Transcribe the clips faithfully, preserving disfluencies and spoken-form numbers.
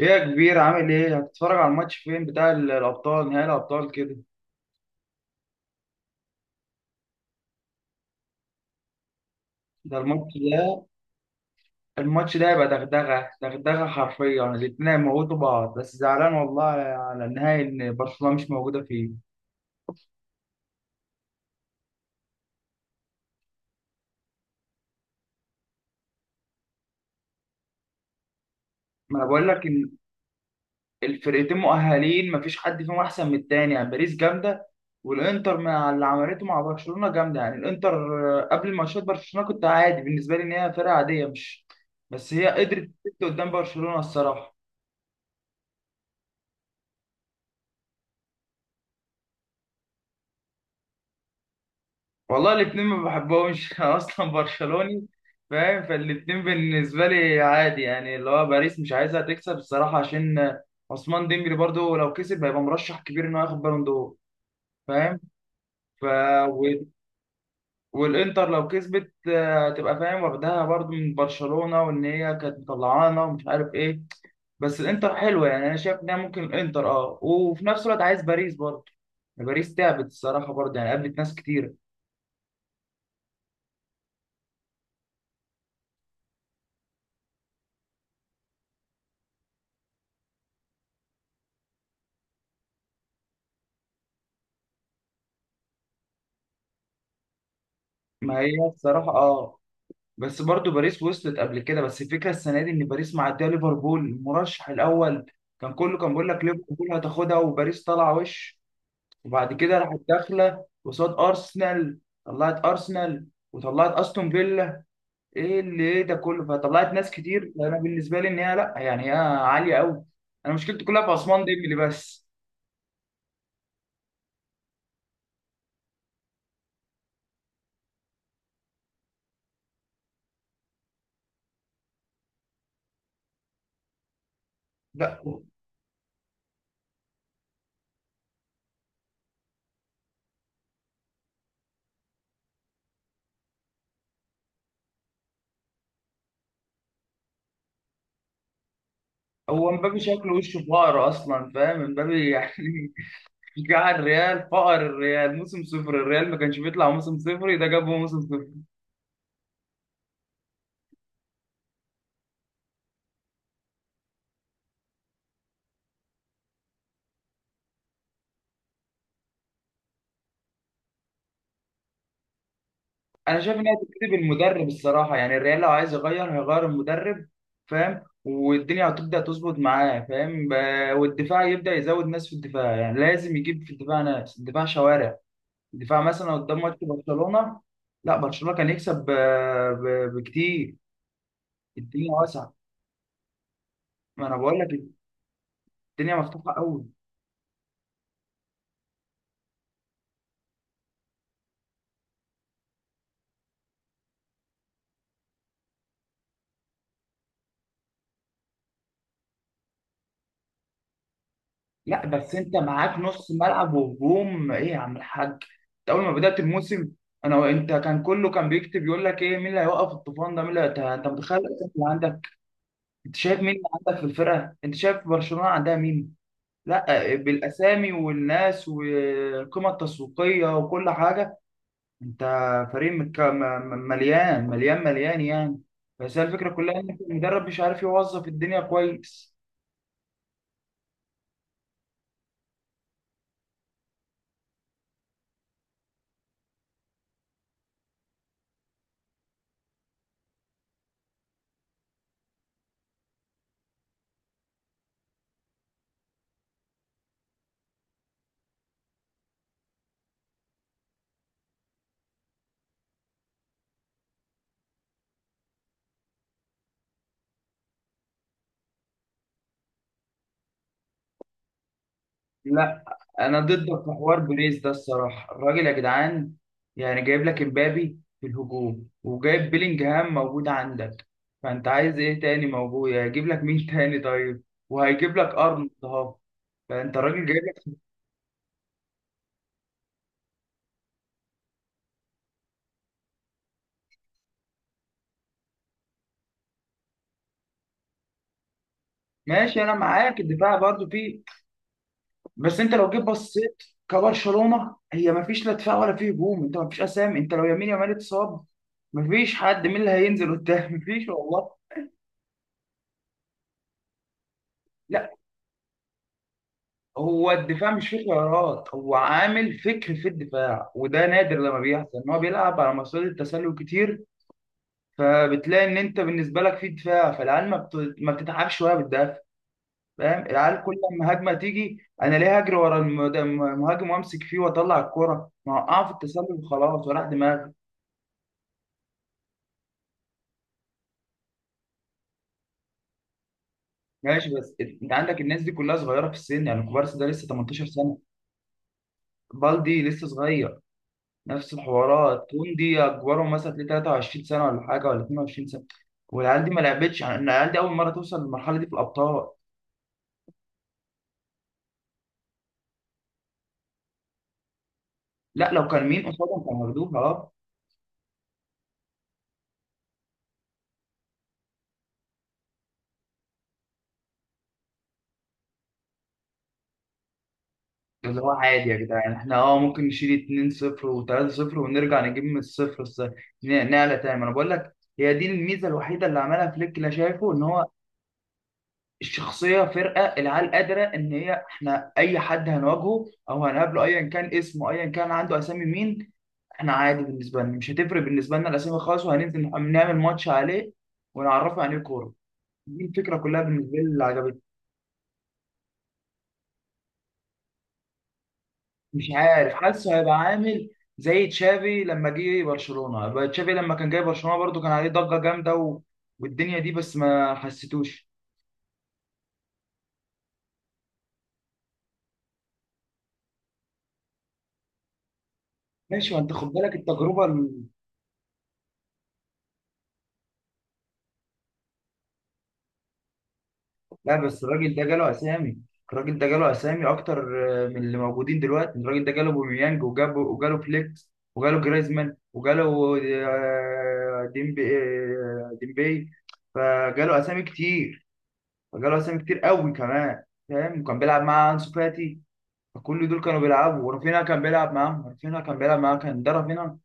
ايه يا كبير، عامل ايه؟ هتتفرج على الماتش فين، بتاع ال- الابطال، نهائي الابطال كده؟ ده. الماتش ده الماتش ده يبقى دغدغه دغدغه حرفيا، الاتنين هيموتوا بعض، بس زعلان والله على النهائي ان برشلونه مش موجوده فيه. ما انا بقول لك ان الفرقتين مؤهلين، مفيش حد فيهم احسن من التاني، يعني باريس جامده، والانتر مع اللي عملته مع برشلونه جامده يعني. الانتر آه، قبل ماتشات برشلونه كنت عادي بالنسبه لي، ان هي فرقه عاديه مش، بس هي قدرت تفت قدام برشلونه الصراحه. والله الاتنين ما بحبهمش انا اصلا برشلوني فاهم، فالاتنين بالنسبه لي عادي، يعني اللي هو باريس مش عايزها تكسب الصراحه عشان عثمان ديمبلي، برضو لو كسب هيبقى مرشح كبير انه ياخد بالون دور، فاهم؟ ف و- والانتر لو كسبت آه، تبقى فاهم واخدها برضو من برشلونه، وان هي كانت مطلعانا ومش عارف ايه. بس الانتر حلوه، يعني انا شايف انها ممكن الانتر اه، وفي نفس الوقت عايز باريس برضو. باريس تعبت الصراحه برضو، يعني قابلت ناس كتير. ما هي الصراحه اه، بس برضو باريس وصلت قبل كده. بس الفكره السنه دي ان باريس معديه ليفربول المرشح الاول، كان كله كان بيقول لك ليفربول هتاخدها، وباريس طالعه وش، وبعد كده راحت داخله قصاد ارسنال، طلعت ارسنال، وطلعت استون فيلا، ايه اللي ايه ده كله؟ فطلعت ناس كتير. انا بالنسبه لي ان هي لا، يعني هي عاليه قوي. انا مشكلتي كلها في عثمان ديمبلي بس. لا، هو مبابي شكله وشه فقر اصلا فاهم، مبابي يعني جاع الريال، فقر الريال، موسم صفر الريال، ما كانش بيطلع موسم صفر، ده جابه موسم صفر. انا شايف انها تبتدي بالمدرب الصراحه، يعني الريال لو عايز يغير هيغير المدرب، فاهم؟ والدنيا هتبدا تظبط معاه، فاهم، ب- والدفاع يبدا يزود ناس في الدفاع، يعني لازم يجيب في الدفاع ناس، الدفاع شوارع. الدفاع مثلا قدام ماتش برشلونه، لا برشلونه كان يكسب ب- ب- بكتير. الدنيا واسعه، ما انا بقول لك، الدنيا مفتوحه قوي. لا بس انت معاك نص ملعب وهجوم، ايه يا عم الحاج؟ انت اول ما بدات الموسم انا وانت كان كله كان بيكتب يقول لك ايه، مين اللي هيوقف الطوفان ده، مين اللي هيت- انت متخيل الاسامي اللي عندك، انت شايف مين اللي عندك في الفرقه، انت شايف برشلونه عندها مين؟ لا بالاسامي والناس والقيمه التسويقيه وكل حاجه. انت فريق مك- م- م- مليان مليان مليان يعني، بس هي الفكره كلها ان المدرب مش عارف يوظف الدنيا كويس. لا انا ضدك في حوار بريز ده الصراحه، الراجل يا جدعان يعني جايب لك امبابي في الهجوم، وجايب بيلينجهام موجود عندك، فانت عايز ايه تاني موجود؟ يعني هيجيب لك مين تاني؟ طيب وهيجيب لك ارنولد اهو، فانت الراجل جايب لك. ماشي انا معاك الدفاع برضو فيه، بس انت لو جيت بصيت كبرشلونه هي ما فيش لا دفاع ولا فيه هجوم، انت ما فيش اسامي، انت لو يمين يامال اتصاب ما فيش حد، مين اللي هينزل قدام ما فيش والله. هو الدفاع مش فيه قرارات، هو عامل فكر في الدفاع، وده نادر لما بيحصل ان هو بيلعب على مصيدة التسلل كتير، فبتلاقي ان انت بالنسبه لك في دفاع، فالعيال ما بت... ما بتتعبش وهي بتدافع، فاهم؟ العيال كل ما هجمه تيجي انا ليه هجري ورا المد- المهاجم وامسك فيه؟ واطلع الكرة، ما اوقعه في التسلل وخلاص، وراح دماغي. ماشي بس انت عندك الناس دي كلها صغيره في السن، يعني كوبارسي ده لسه تمنتاشر سنه، بالدي لسه صغير، نفس الحوارات. تون دي اكبرهم مثلا تلاقيه ثلاثة وعشرون سنه ولا حاجه، ولا اثنين وعشرين سنه. والعيال دي ما لعبتش، يعني إن العيال دي اول مره توصل للمرحله دي في الابطال. لا لو كان مين قصادهم كانوا هياخدوها، اه. اللي هو عادي يا جدعان، احنا اه ممكن نشيل اتنين صفر و3-0 ونرجع نجيب من الصفر، الس- ن- نعلى تاني، ما انا بقول لك، هي دي الميزه الوحيده اللي عملها فليك اللي شايفه، ان هو الشخصية، فرقة العيال قادرة إن هي، إحنا أي حد هنواجهه أو هنقابله أيا كان اسمه، أيا كان عنده أسامي مين، إحنا عادي بالنسبة لنا، مش هتفرق بالنسبة لنا الأسامي خالص، وهننزل نح- نعمل ماتش عليه ونعرفه يعني إيه كورة. دي الفكرة كلها بالنسبة لي اللي عجبتني. مش عارف، حاسه هيبقى عامل زي تشافي لما جه برشلونة. بقى تشافي لما كان جاي برشلونة برضو كان عليه ضجة جامدة و... والدنيا دي، بس ما حسيتوش. ماشي، ما انت خد بالك التجربة. لا بس الراجل ده جاله اسامي، الراجل ده جاله اسامي اكتر آه، من اللي موجودين دلوقتي، الراجل ده جاله بوميانج وجابه، وجاله فليكس، وجاله جريزمان، وجاله آه، ديمبي آه، ديمبي، فجاله اسامي كتير، فجاله اسامي كتير قوي كمان، فاهم؟ وكان بيلعب مع انسو فاتي، فكل دول كانوا بيلعبوا، ورافينها كان بيلعب معاهم، رافينها كان بيلعب معاه، كان ده رافينها.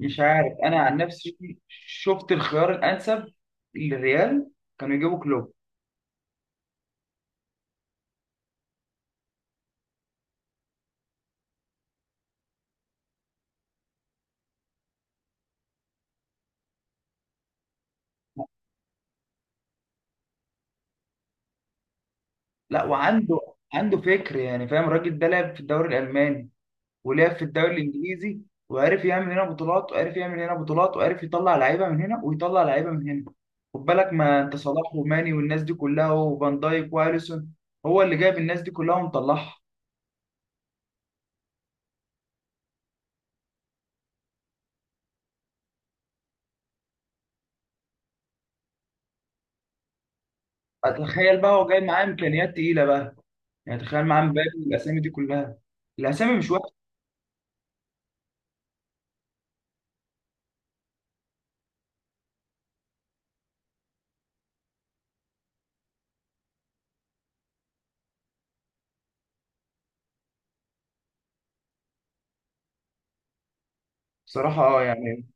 مش عارف انا عن نفسي، شفت الخيار الانسب للريال كانوا يجيبوا كلوب. لا وعنده، عنده فكر يعني، فاهم؟ الراجل ده لعب في الدوري الالماني ولعب في الدوري الانجليزي، وعرف يعمل هنا بطولات وعرف يعمل هنا بطولات، وعرف يطلع لعيبه من هنا ويطلع لعيبه من هنا. خد بالك، ما انت صلاح وماني والناس دي كلها، وفان دايك واليسون، هو اللي جايب الناس دي كلها ومطلعها. تخيل بقى هو جاي معاه امكانيات تقيله بقى، يعني تخيل معاه مبابي والاسامي دي كلها، الاسامي مش وحشه. بصراحه اه يعني،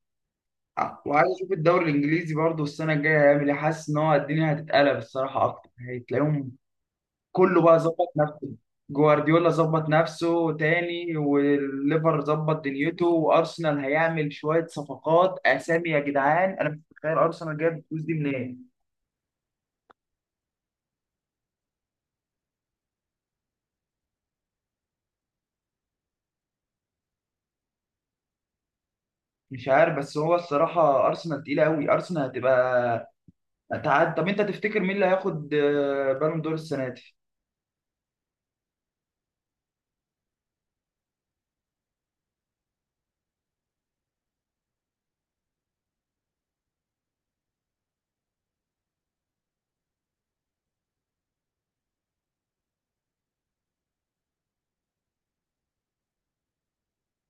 آه، وعايز اشوف الدوري الانجليزي برضه السنه الجايه هيعمل ايه، حاسس ان هو الدنيا هتتقلب الصراحه اكتر، هتلاقيهم كله بقى ظبط نفسه، جوارديولا ظبط نفسه تاني، والليفر ظبط دنيته، وارسنال هيعمل شويه صفقات اسامي يا جدعان، انا مش متخيل ارسنال جايب الفلوس دي منين. مش عارف، بس هو الصراحه ارسنال تقيله قوي، ارسنال هتبقى، هتعد. طب انت تفتكر مين اللي هياخد آه، بالون دور السنه دي؟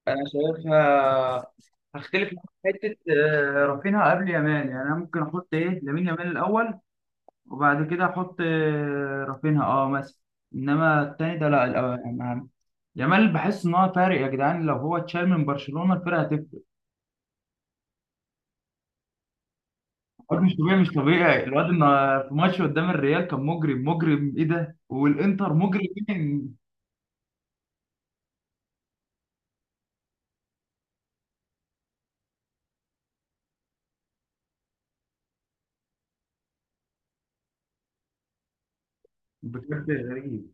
انا شايفها هختلف معاك في حته، آه، رافينها قبل يامال، يعني انا ممكن احط ايه لامين يامال الاول، وبعد كده احط آه، رافينها اه مثلا، انما التاني ده لا، الأول اهم. يامال بحس ان هو فارق يا جدعان، لو هو اتشال من برشلونة الفرقة هتفرق. الواد مش طبيعي، مش طبيعي الواد، النا- في ماتش قدام الريال كان مجرم، مجرم ايه ده، والانتر مجرم. إيه؟ بجد غريب.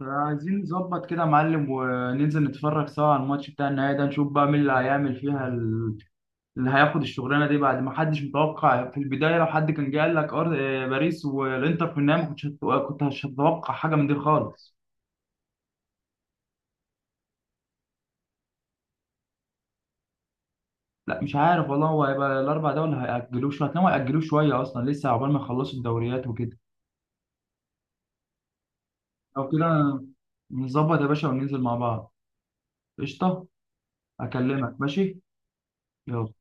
فعايزين نظبط كده يا معلم وننزل نتفرج سوا على الماتش بتاع النهائي ده، نشوف بقى مين اللي هيعمل فيها، اللي هياخد الشغلانه دي، بعد ما حدش متوقع في البدايه. لو حد كان جه قال لك أر- آه، باريس والانتر في النهائي ما كنتش هت- كنت مش هتتوقع حاجه من دي خالص. لا مش عارف والله، هو هيبقى الاربع دول، هيأجلوه شويه، هتلاقيهم هيأجلوه شويه، اصلا لسه عقبال ما يخلصوا الدوريات وكده. لو كده نظبط يا باشا وننزل مع بعض. قشطه. اكلمك. ماشي. يلا.